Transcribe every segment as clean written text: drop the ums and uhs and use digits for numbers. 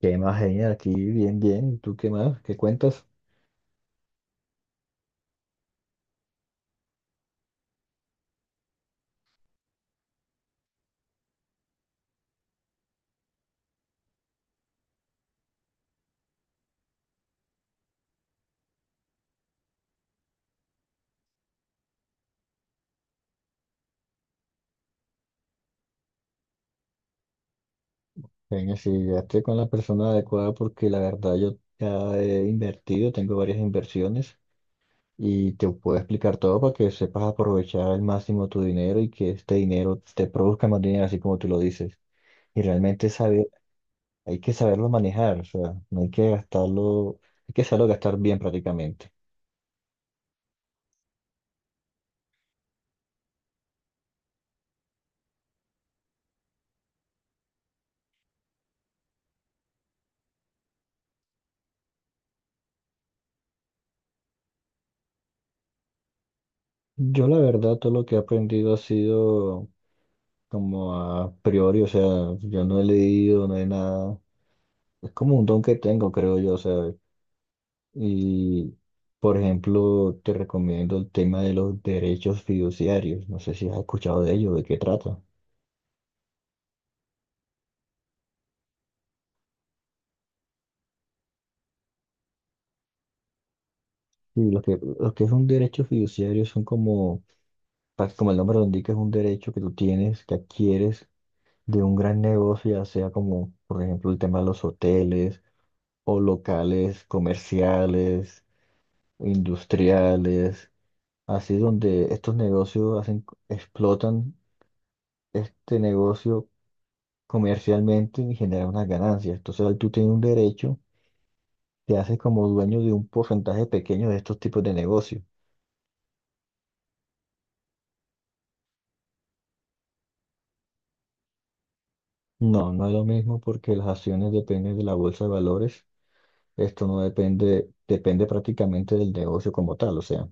¿Qué más, genial? Aquí bien, bien. ¿Y tú qué más? ¿Qué cuentas? Genia, si llegaste con la persona adecuada porque la verdad yo ya he invertido, tengo varias inversiones y te puedo explicar todo para que sepas aprovechar al máximo tu dinero y que este dinero te produzca más dinero, así como tú lo dices. Y realmente saber, hay que saberlo manejar, o sea, no hay que gastarlo, hay que saberlo gastar bien prácticamente. Yo la verdad todo lo que he aprendido ha sido como a priori, o sea, yo no he leído, no he nada. Es como un don que tengo, creo yo, ¿sabes? Y, por ejemplo, te recomiendo el tema de los derechos fiduciarios. No sé si has escuchado de ello, de qué trata. Y lo que es un derecho fiduciario son como, como el nombre lo indica, es un derecho que tú tienes, que adquieres de un gran negocio, ya sea como, por ejemplo, el tema de los hoteles o locales comerciales, industriales, así donde estos negocios hacen, explotan este negocio comercialmente y genera unas ganancias. Entonces ahí tú tienes un derecho, te haces como dueño de un porcentaje pequeño de estos tipos de negocios. No, no es lo mismo porque las acciones dependen de la bolsa de valores. Esto no depende, depende prácticamente del negocio como tal. O sea,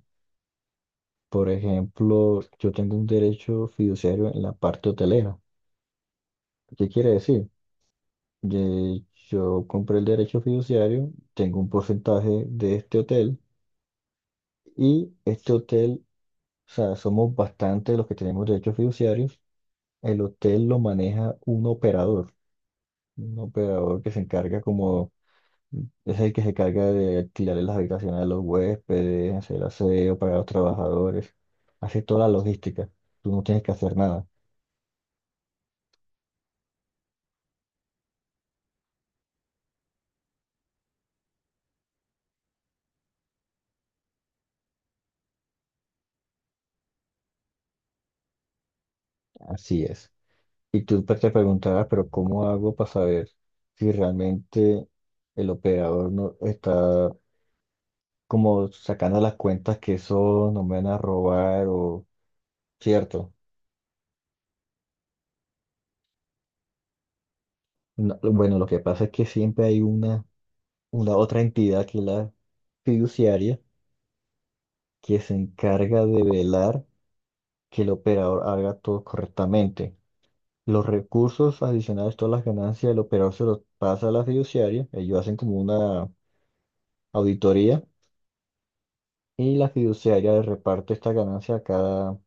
por ejemplo, yo tengo un derecho fiduciario en la parte hotelera. ¿Qué quiere decir? Yo compré el derecho fiduciario, tengo un porcentaje de este hotel y este hotel. O sea, somos bastante los que tenemos derechos fiduciarios. El hotel lo maneja un operador que se encarga como, es el que se encarga de alquilarle las habitaciones a los huéspedes, hacer aseo para los trabajadores, hace toda la logística. Tú no tienes que hacer nada. Así es. Y tú te preguntarás, pero ¿cómo hago para saber si realmente el operador no está como sacando las cuentas que eso nos van a robar o cierto? No, bueno, lo que pasa es que siempre hay una otra entidad que es la fiduciaria que se encarga de velar que el operador haga todo correctamente. Los recursos adicionales, todas las ganancias del operador se los pasa a la fiduciaria, ellos hacen como una auditoría y la fiduciaria le reparte esta ganancia a cada,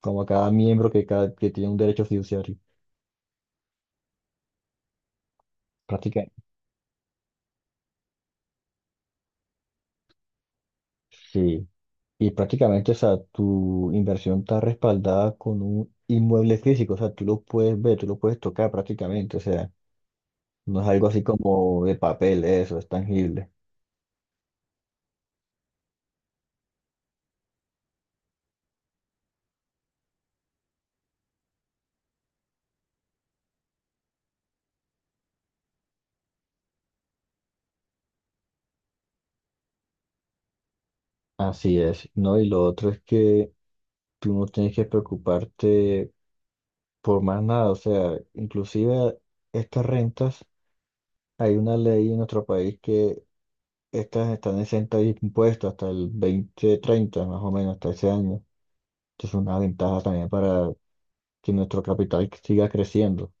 como a cada miembro que, cada, que tiene un derecho fiduciario. Prácticamente. Sí. Y prácticamente, o sea, tu inversión está respaldada con un inmueble físico, o sea, tú lo puedes ver, tú lo puedes tocar prácticamente, o sea, no es algo así como de papel, eso, es tangible. Así es, ¿no? Y lo otro es que tú no tienes que preocuparte por más nada, o sea, inclusive estas rentas, hay una ley en nuestro país que estas están exentas de impuestos hasta el 2030 más o menos, hasta ese año. Entonces, es una ventaja también para que nuestro capital siga creciendo.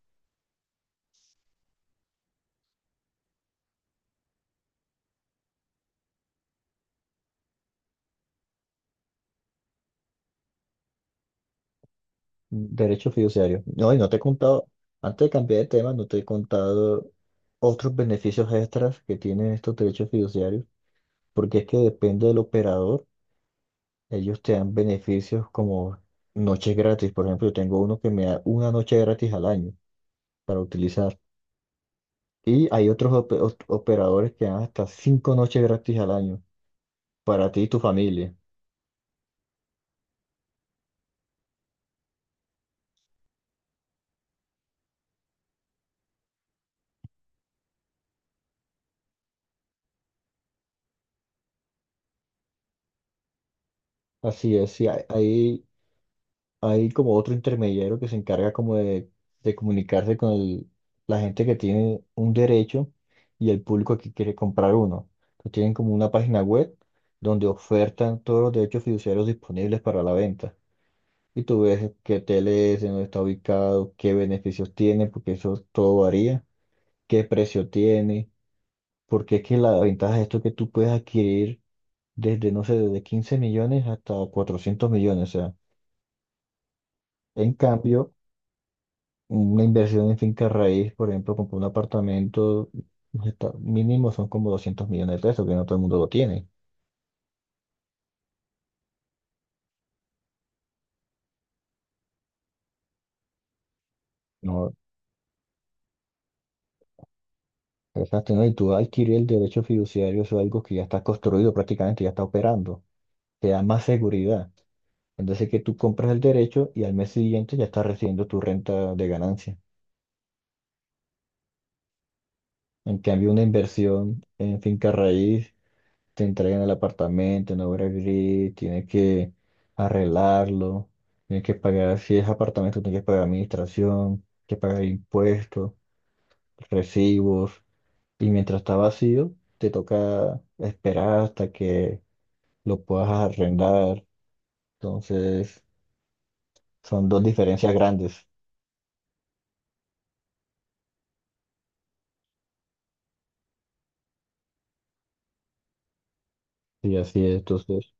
Derecho fiduciario. No, y no te he contado, antes de cambiar de tema, no te he contado otros beneficios extras que tienen estos derechos fiduciarios, porque es que depende del operador, ellos te dan beneficios como noches gratis. Por ejemplo, yo tengo uno que me da una noche gratis al año para utilizar. Y hay otros operadores que dan hasta 5 noches gratis al año para ti y tu familia. Así es, sí, hay como otro intermediario que se encarga como de comunicarse con la gente que tiene un derecho y el público que quiere comprar uno. Entonces tienen como una página web donde ofertan todos los derechos fiduciarios disponibles para la venta. Y tú ves qué tele es, en dónde está ubicado, qué beneficios tiene, porque eso todo varía, qué precio tiene, porque es que la ventaja de esto es que tú puedes adquirir desde, no sé, desde 15 millones hasta 400 millones. O sea, en cambio... una inversión en finca raíz, por ejemplo, comprar un apartamento, pues, mínimo son como 200 millones de pesos, que no todo el mundo lo tiene. No, exacto, ¿no? Y tú adquirir el derecho fiduciario, eso es algo que ya está construido prácticamente, ya está operando. Te da más seguridad. Entonces, que tú compras el derecho y al mes siguiente ya estás recibiendo tu renta de ganancia. En cambio, una inversión en finca raíz te entregan el apartamento en obra gris, tienes que arreglarlo, tienes que pagar, si es apartamento, tienes que pagar administración, tienes que pagar impuestos, recibos, y mientras está vacío, te toca esperar hasta que lo puedas arrendar. Entonces, son dos diferencias grandes. Y así es, entonces.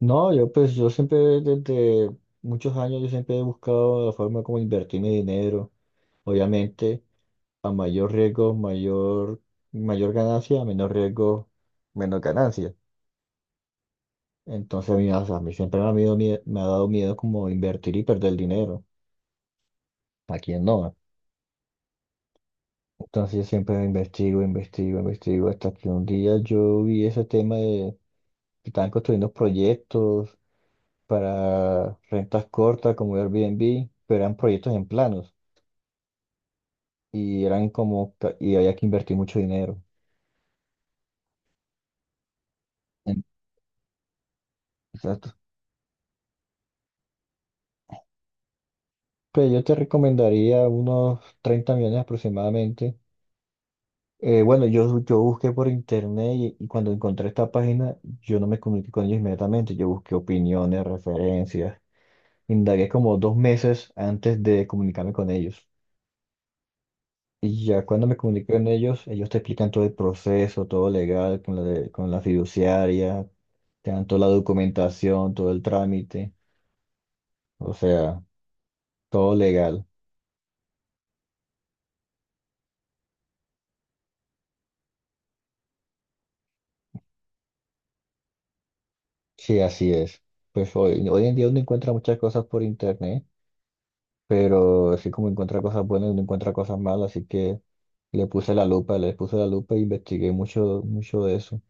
No, yo pues yo siempre desde muchos años yo siempre he buscado la forma como invertir mi dinero. Obviamente. A mayor riesgo, mayor ganancia, a menor riesgo, menor ganancia. Entonces a mí, o sea, a mí siempre me ha dado miedo como invertir y perder dinero. ¿A quién no? Entonces yo siempre investigo, investigo, investigo, hasta que un día yo vi ese tema de que estaban construyendo proyectos para rentas cortas como Airbnb, pero eran proyectos en planos y eran como, ca- y había que invertir mucho dinero. En- Exacto. Pues yo te recomendaría unos 30 millones aproximadamente. Bueno, yo busqué por internet y cuando encontré esta página, yo no me comuniqué con ellos inmediatamente. Yo busqué opiniones, referencias. Indagué como 2 meses antes de comunicarme con ellos. Y ya cuando me comuniqué con ellos, ellos te explican todo el proceso, todo legal, con la fiduciaria, te dan toda la documentación, todo el trámite. O sea, todo legal. Sí, así es. Pues hoy en día uno encuentra muchas cosas por internet, pero así como encuentra cosas buenas, uno encuentra cosas malas, así que le puse la lupa, le puse la lupa e investigué mucho, mucho de eso.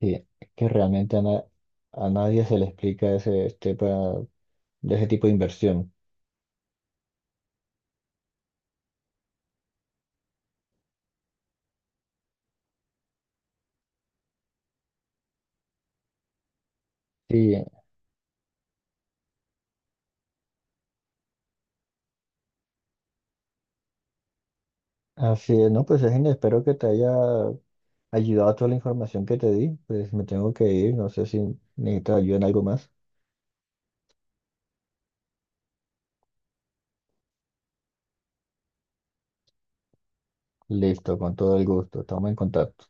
Sí, que realmente a nadie se le explica de ese tipo de inversión. Sí, así es. No, pues es, espero que te haya ayudado toda la información que te di. Pues me tengo que ir, no sé si necesitas ayuda en algo más. Listo, con todo el gusto. Estamos en contacto.